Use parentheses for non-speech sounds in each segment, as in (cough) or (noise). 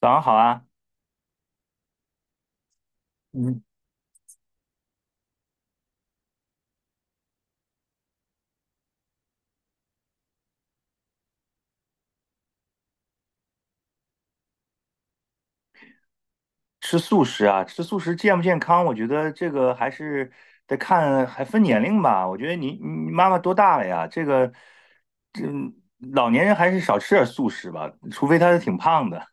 早上好啊，嗯，吃素食啊，吃素食健不健康？我觉得这个还是得看，还分年龄吧。我觉得你妈妈多大了呀？这老年人还是少吃点素食吧，除非她是挺胖的。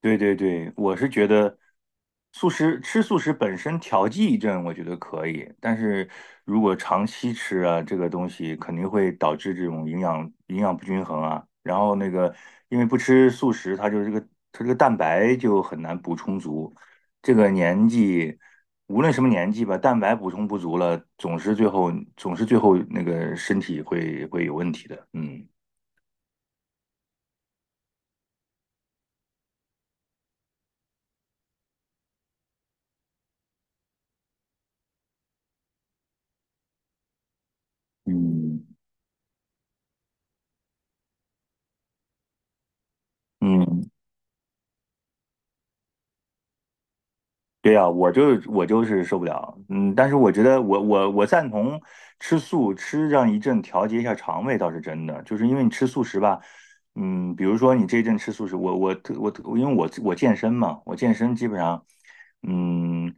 对对对，我是觉得吃素食本身调剂一阵，我觉得可以。但是如果长期吃啊，这个东西肯定会导致这种营养不均衡啊。然后那个，因为不吃素食，它就是这个它这个蛋白就很难补充足。这个年纪，无论什么年纪吧，蛋白补充不足了，总是最后那个身体会有问题的。嗯嗯，嗯，对呀，我就是受不了，嗯，但是我觉得我赞同吃素，吃上一阵调节一下肠胃倒是真的，就是因为你吃素食吧，嗯，比如说你这一阵吃素食，我因为我健身嘛，我健身基本上，嗯，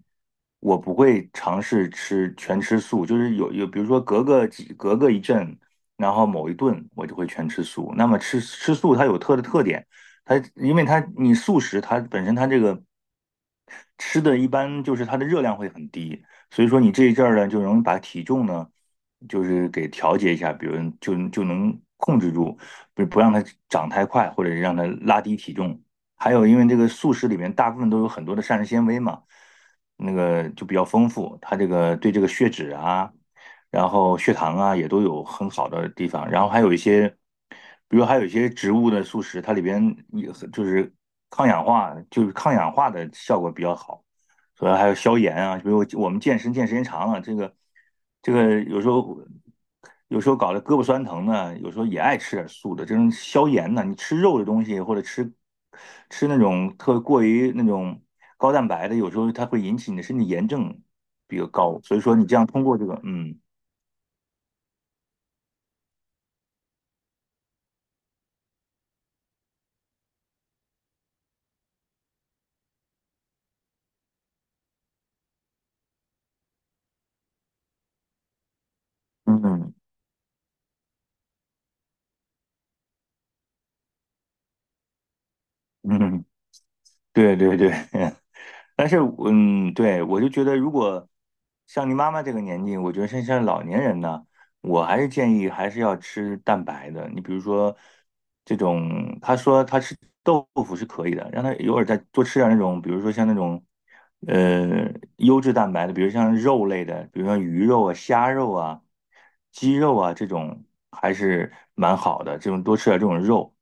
我不会尝试吃全吃素，就是比如说隔个一阵，然后某一顿我就会全吃素。那么吃素它有特点，它因为它你素食它本身它这个吃的一般就是它的热量会很低，所以说你这一阵儿呢，就容易把体重呢，就是给调节一下，比如就能控制住，不让它长太快，或者是让它拉低体重。还有，因为这个素食里面大部分都有很多的膳食纤维嘛，那个就比较丰富，它这个对这个血脂啊，然后血糖啊也都有很好的地方，然后还有一些，比如还有一些植物的素食，它里边也就是抗氧化，就是抗氧化的效果比较好，主要还有消炎啊，比如我们健身时间长了，这个有时候搞得胳膊酸疼呢，有时候也爱吃点素的，这种消炎呢，你吃肉的东西或者吃那种过于那种高蛋白的，有时候它会引起你的身体炎症比较高，所以说你这样通过这个嗯。嗯嗯，嗯 (laughs) 对对对，(laughs) 但是对，我就觉得，如果像你妈妈这个年纪，我觉得像老年人呢，我还是建议还是要吃蛋白的。你比如说这种，他说他吃豆腐是可以的，让他偶尔再多吃点那种，比如说像那种呃优质蛋白的，比如像肉类的，比如像鱼肉啊、虾肉啊、鸡肉啊这种，还是蛮好的。这种多吃点这种肉。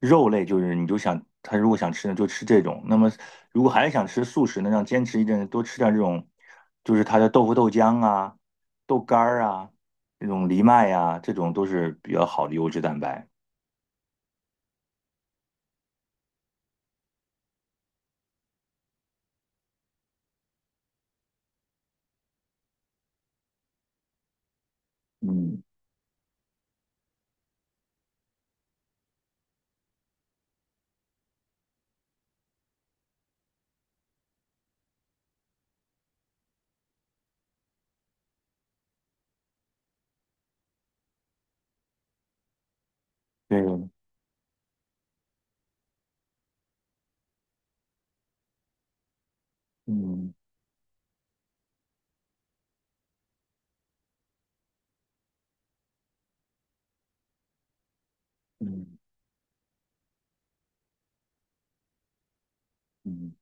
肉类就是你就想他如果想吃呢就吃这种，那么如果还是想吃素食呢，让坚持一阵多吃点这种，就是他的豆腐、豆浆啊、豆干儿啊、这种藜麦啊，这种都是比较好的优质蛋白。嗯，对，嗯嗯嗯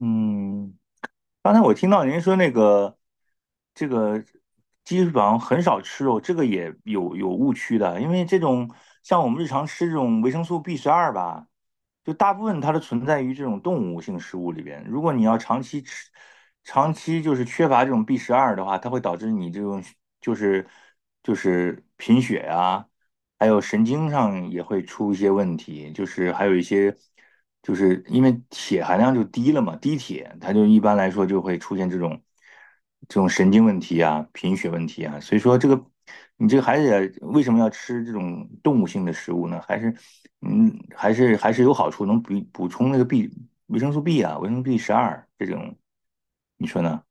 嗯。刚才我听到您说那个这个基本上很少吃肉，这个也有误区的，因为这种像我们日常吃这种维生素 B 十二吧。就大部分它的存在于这种动物性食物里边。如果你要长期吃，长期就是缺乏这种 B 十二的话，它会导致你这种就是就是贫血呀、还有神经上也会出一些问题，就是还有一些，就是因为铁含量就低了嘛，低铁它就一般来说就会出现这种神经问题啊、贫血问题啊，所以说这个你这个孩子也为什么要吃这种动物性的食物呢？还是嗯，还是还是有好处，能补充那个 维生素 B 啊、维生素 B 十二这种，你说呢？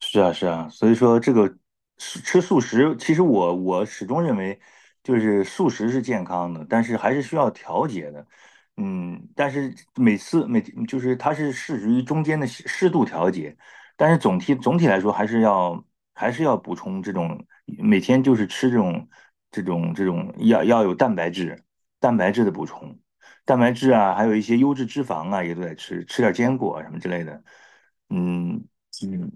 是啊，是啊，所以说这个吃素食，其实我始终认为，就是素食是健康的，但是还是需要调节的。嗯，但是每次每就是它是适于中间的适度调节，但是总体来说还是要补充这种每天就是吃这种要有蛋白质的补充，蛋白质啊，还有一些优质脂肪啊也都得吃，吃点坚果啊什么之类的。嗯嗯。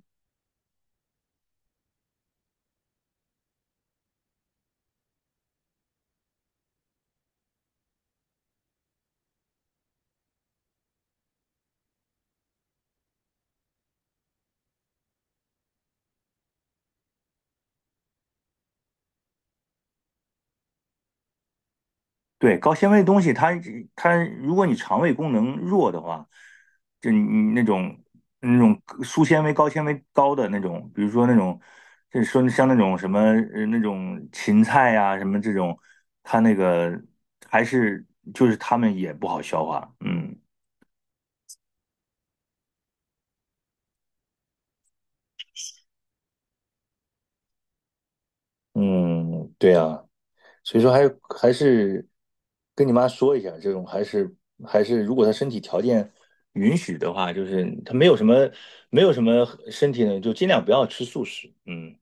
对，高纤维的东西它如果你肠胃功能弱的话，就你那种粗纤维、高纤维高的那种，比如说那种，就是说像那种什么那种芹菜呀、什么这种，它那个还是就是它们也不好消化。嗯嗯，对呀。所以说还是跟你妈说一下，这种还是，如果她身体条件允许的话，就是她没有什么身体呢，就尽量不要吃素食。嗯，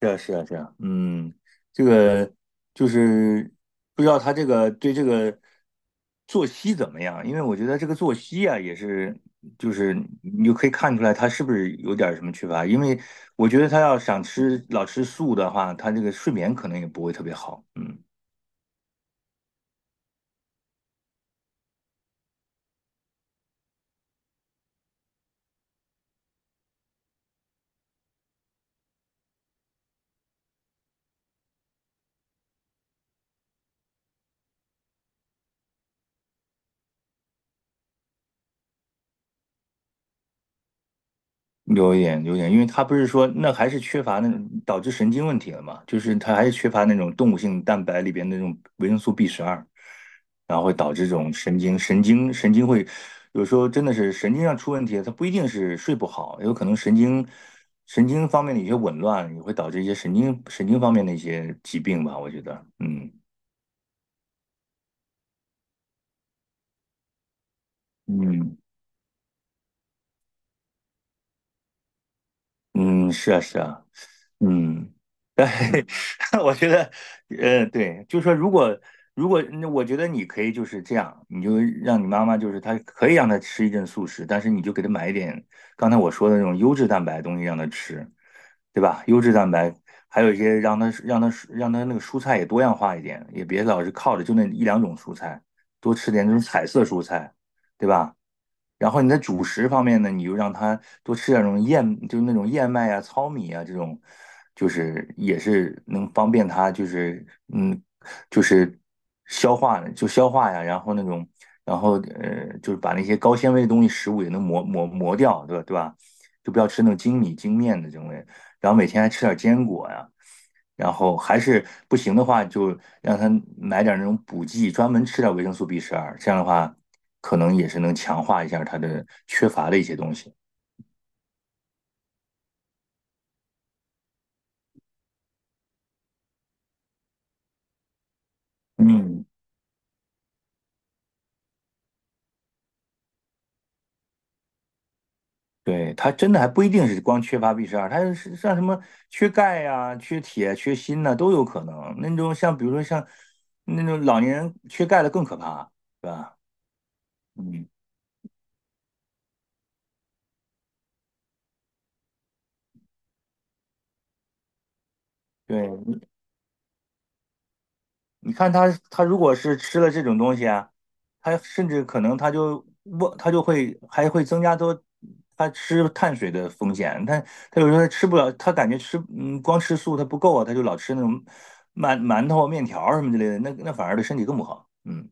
是啊，是啊，是啊，嗯，这个就是不知道她这个对这个作息怎么样，因为我觉得这个作息啊也是。就是你就可以看出来她是不是有点什么缺乏，因为我觉得她要想吃老吃素的话，她这个睡眠可能也不会特别好。嗯。有一点，有一点，因为他不是说那还是缺乏那种导致神经问题了嘛，就是他还是缺乏那种动物性蛋白里边的那种维生素 B 十二，然后会导致这种神经会有时候真的是神经上出问题，它不一定是睡不好，有可能神经方面的一些紊乱也会导致一些神经方面的一些疾病吧，我觉得，嗯嗯嗯，是啊是啊，嗯。对，(laughs) 我觉得，对，就是说，如果，那我觉得你可以就是这样，你就让你妈妈，就是她可以让她吃一阵素食，但是你就给她买一点刚才我说的那种优质蛋白的东西让她吃，对吧？优质蛋白，还有一些让她那个蔬菜也多样化一点，也别老是靠着就那一两种蔬菜，多吃点那种彩色蔬菜，对吧？然后你在主食方面呢，你就让他多吃点那种就是那种燕麦啊、糙米啊这种，就是也是能方便他，嗯，就是消化就消化呀，然后那种，然后就是把那些高纤维的东西食物也能磨掉，对吧？对吧？就不要吃那种精米精面的这种类，然后每天还吃点坚果呀。然后还是不行的话，就让他买点那种补剂，专门吃点维生素 B 十二，这样的话，可能也是能强化一下他的缺乏的一些东西。嗯，对，他真的还不一定是光缺乏 B 十二，他是像什么缺钙呀、缺铁、缺锌呐、都有可能。那种像比如说像那种老年人缺钙的更可怕，对吧？嗯，对，你看他，他如果是吃了这种东西啊，他甚至可能他就会还会增加多他吃碳水的风险。他有时候他吃不了，他感觉光吃素他不够啊，他就老吃那种馒头、面条儿什么之类的，那反而对身体更不好。嗯，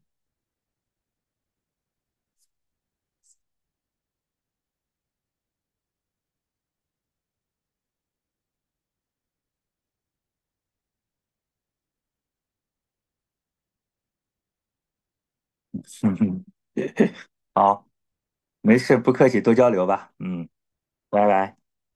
(laughs) 嗯哼，好，没事，不客气，多交流吧。嗯，拜拜。